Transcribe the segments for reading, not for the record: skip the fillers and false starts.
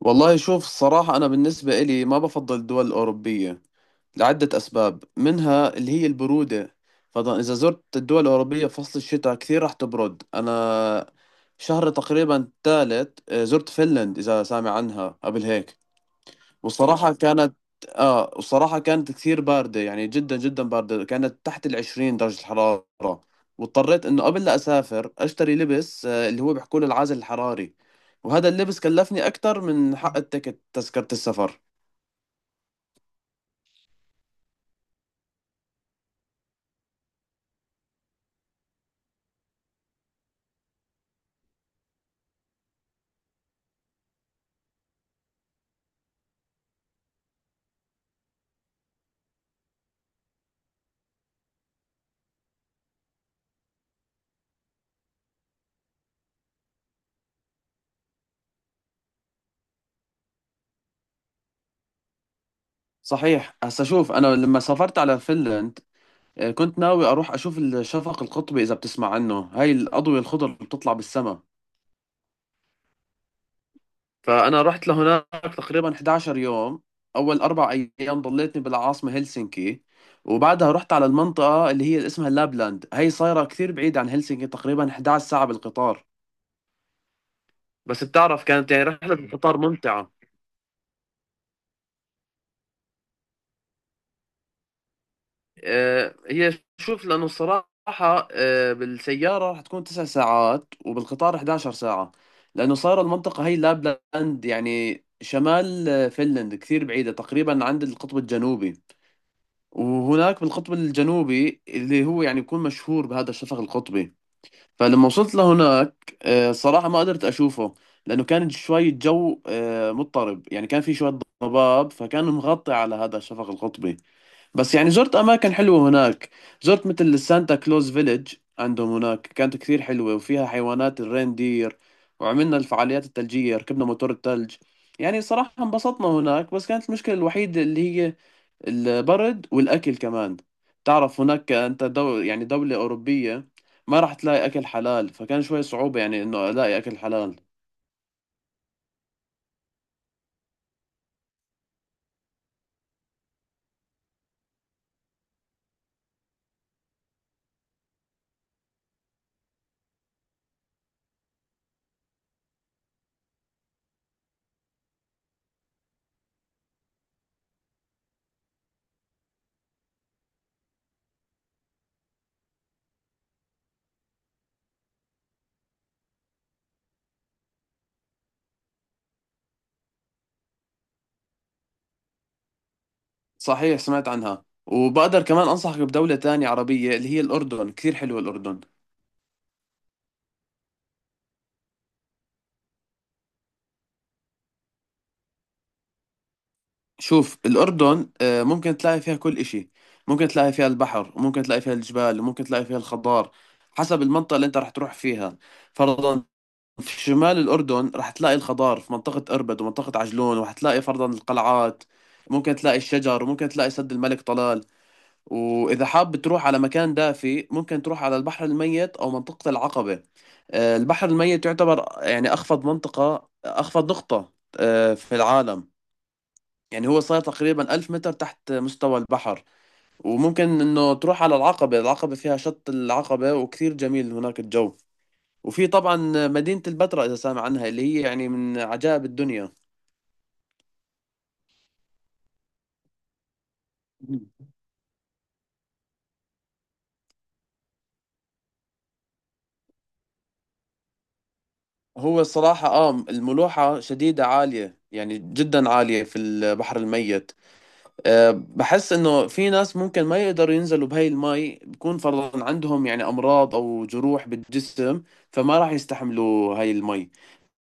والله شوف الصراحة أنا بالنسبة إلي ما بفضل الدول الأوروبية لعدة أسباب منها اللي هي البرودة. فطبعا إذا زرت الدول الأوروبية فصل الشتاء كثير راح تبرد. أنا شهر تقريبا ثالث زرت فنلند، إذا سامع عنها قبل هيك. وصراحة كانت وصراحة كانت كثير باردة، يعني جدا جدا باردة، كانت تحت 20 درجة الحرارة. واضطريت إنه قبل لا أسافر أشتري لبس اللي هو بيحكوا له العازل الحراري. وهذا اللبس كلفني أكثر من حق تذكرة السفر. صحيح هسا شوف، أنا لما سافرت على فنلند كنت ناوي أروح أشوف الشفق القطبي، إذا بتسمع عنه، هاي الأضوية الخضر اللي بتطلع بالسما. فأنا رحت لهناك تقريبا 11 يوم. أول أربع أيام ضليتني بالعاصمة هلسنكي، وبعدها رحت على المنطقة اللي اسمها لابلاند. هي صايرة كثير بعيدة عن هلسنكي، تقريبا 11 ساعة بالقطار. بس بتعرف كانت يعني رحلة القطار ممتعة. هي شوف، لأنه الصراحة بالسيارة رح تكون 9 ساعات وبالقطار 11 ساعة. لأنه صايرة المنطقة هي لابلاند، يعني شمال فنلند، كثير بعيدة، تقريبا عند القطب الجنوبي. وهناك بالقطب الجنوبي اللي هو يعني يكون مشهور بهذا الشفق القطبي. فلما وصلت لهناك صراحة ما قدرت أشوفه، لأنه كان شوي الجو مضطرب، يعني كان في شوية ضباب فكان مغطي على هذا الشفق القطبي. بس يعني زرت أماكن حلوة هناك، زرت مثل السانتا كلوز فيليج عندهم هناك، كانت كثير حلوة وفيها حيوانات الريندير، وعملنا الفعاليات الثلجية، ركبنا موتور الثلج. يعني صراحة انبسطنا هناك، بس كانت المشكلة الوحيدة اللي هي البرد والأكل كمان. تعرف هناك أنت يعني دولة أوروبية، ما راح تلاقي أكل حلال، فكان شوي صعوبة يعني إنه ألاقي أكل حلال. صحيح سمعت عنها، وبقدر كمان أنصحك بدولة تانية عربية اللي هي الأردن، كثير حلوة الأردن. شوف الأردن ممكن تلاقي فيها كل إشي، ممكن تلاقي فيها البحر، وممكن تلاقي فيها الجبال، وممكن تلاقي فيها الخضار، حسب المنطقة اللي أنت راح تروح فيها. فرضا في شمال الأردن راح تلاقي الخضار في منطقة أربد ومنطقة عجلون، وراح تلاقي فرضا القلعات، ممكن تلاقي الشجر، وممكن تلاقي سد الملك طلال. وإذا حاب تروح على مكان دافي، ممكن تروح على البحر الميت أو منطقة العقبة. البحر الميت يعتبر يعني أخفض منطقة، أخفض نقطة في العالم. يعني هو صار تقريبا 1000 متر تحت مستوى البحر. وممكن إنه تروح على العقبة. العقبة فيها شط العقبة وكثير جميل هناك الجو. وفي طبعا مدينة البتراء، إذا سامع عنها، اللي هي يعني من عجائب الدنيا. مم. هو الصراحة الملوحة شديدة عالية، يعني جدا عالية في البحر الميت. أه بحس إنه في ناس ممكن ما يقدروا ينزلوا بهاي المي، بكون فرضا عندهم يعني أمراض أو جروح بالجسم، فما راح يستحملوا هاي المي.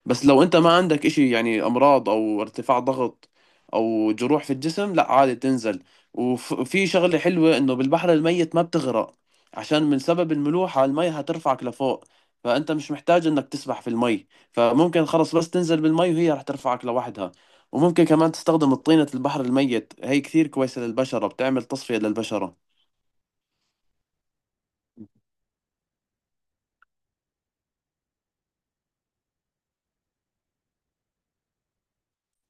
بس لو انت ما عندك اشي يعني امراض او ارتفاع ضغط او جروح في الجسم، لا عادي تنزل. وفي شغلة حلوة، انه بالبحر الميت ما بتغرق، عشان من سبب الملوحة المي هترفعك لفوق، فانت مش محتاج انك تسبح في المي، فممكن خلص بس تنزل بالمي وهي رح ترفعك لوحدها. وممكن كمان تستخدم طينة البحر الميت، هي كثير كويسة للبشرة، بتعمل تصفية للبشرة.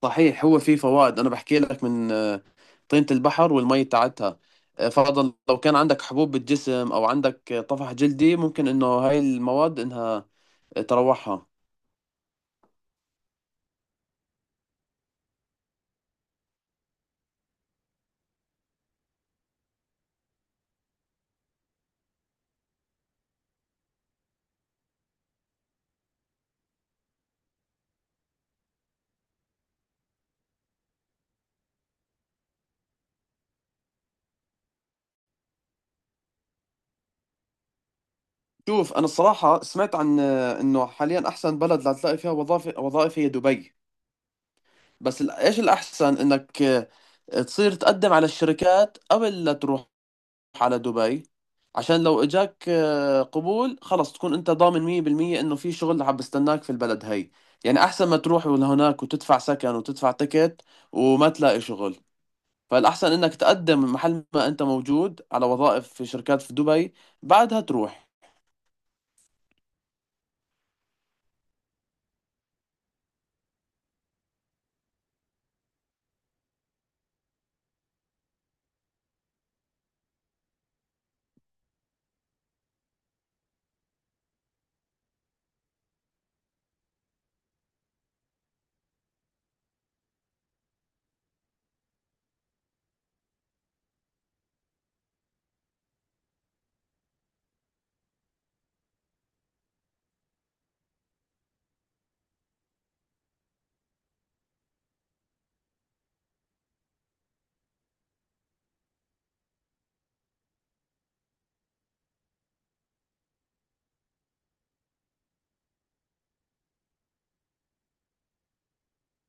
صحيح هو في فوائد، انا بحكي لك من طينة البحر والمي تاعتها. فرضا لو كان عندك حبوب بالجسم، او عندك طفح جلدي، ممكن انه هاي المواد انها تروحها. شوف انا الصراحة سمعت عن انه حاليا احسن بلد لتلاقي فيها وظائف هي دبي. بس ايش الاحسن انك تصير تقدم على الشركات قبل لا تروح على دبي. عشان لو اجاك قبول، خلص تكون انت ضامن 100% انه في شغل عم بستناك في البلد هي. يعني احسن ما تروح لهناك وتدفع سكن وتدفع تكت وما تلاقي شغل. فالاحسن انك تقدم محل ما انت موجود على وظائف في شركات في دبي، بعدها تروح.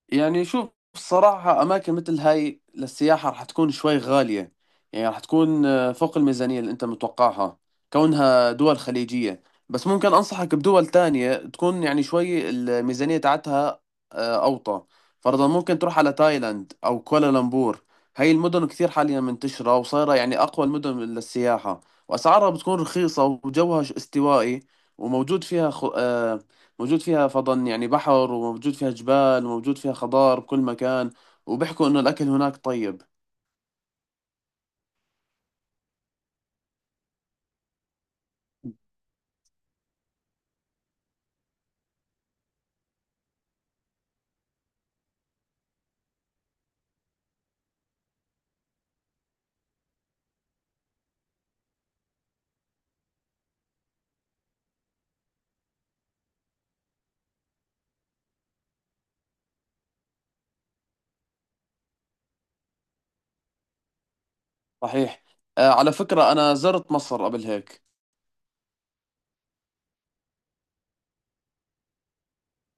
يعني شوف الصراحة أماكن مثل هاي للسياحة رح تكون شوي غالية، يعني رح تكون فوق الميزانية اللي أنت متوقعها، كونها دول خليجية. بس ممكن أنصحك بدول تانية تكون يعني شوي الميزانية تاعتها أوطى. فرضا ممكن تروح على تايلاند أو كوالالمبور، هاي المدن كثير حاليا منتشرة، وصايرة يعني أقوى المدن للسياحة، وأسعارها بتكون رخيصة، وجوها استوائي، وموجود فيها خ... آه، موجود فيها فضن يعني بحر، وموجود فيها جبال، وموجود فيها خضار بكل مكان، وبيحكوا إنه الأكل هناك طيب. صحيح. على فكرة أنا زرت مصر قبل هيك.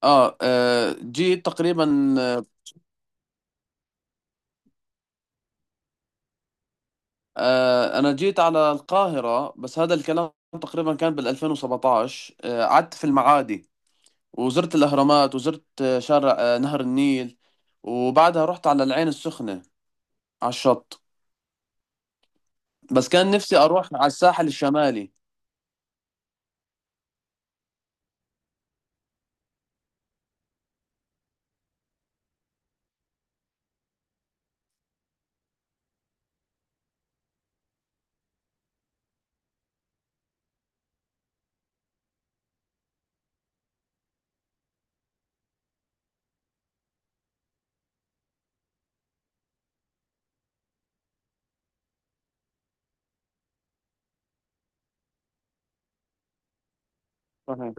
آه, آه جيت تقريبا أنا جيت على القاهرة، بس هذا الكلام تقريبا كان بال 2017. قعدت في المعادي، وزرت الأهرامات، وزرت شارع نهر النيل، وبعدها رحت على العين السخنة على الشط. بس كان نفسي أروح على الساحل الشمالي. صحيح.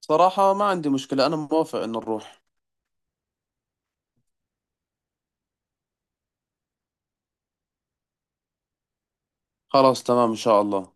صراحة ما عندي مشكلة، أنا موافق إن نروح. خلاص، تمام إن شاء الله.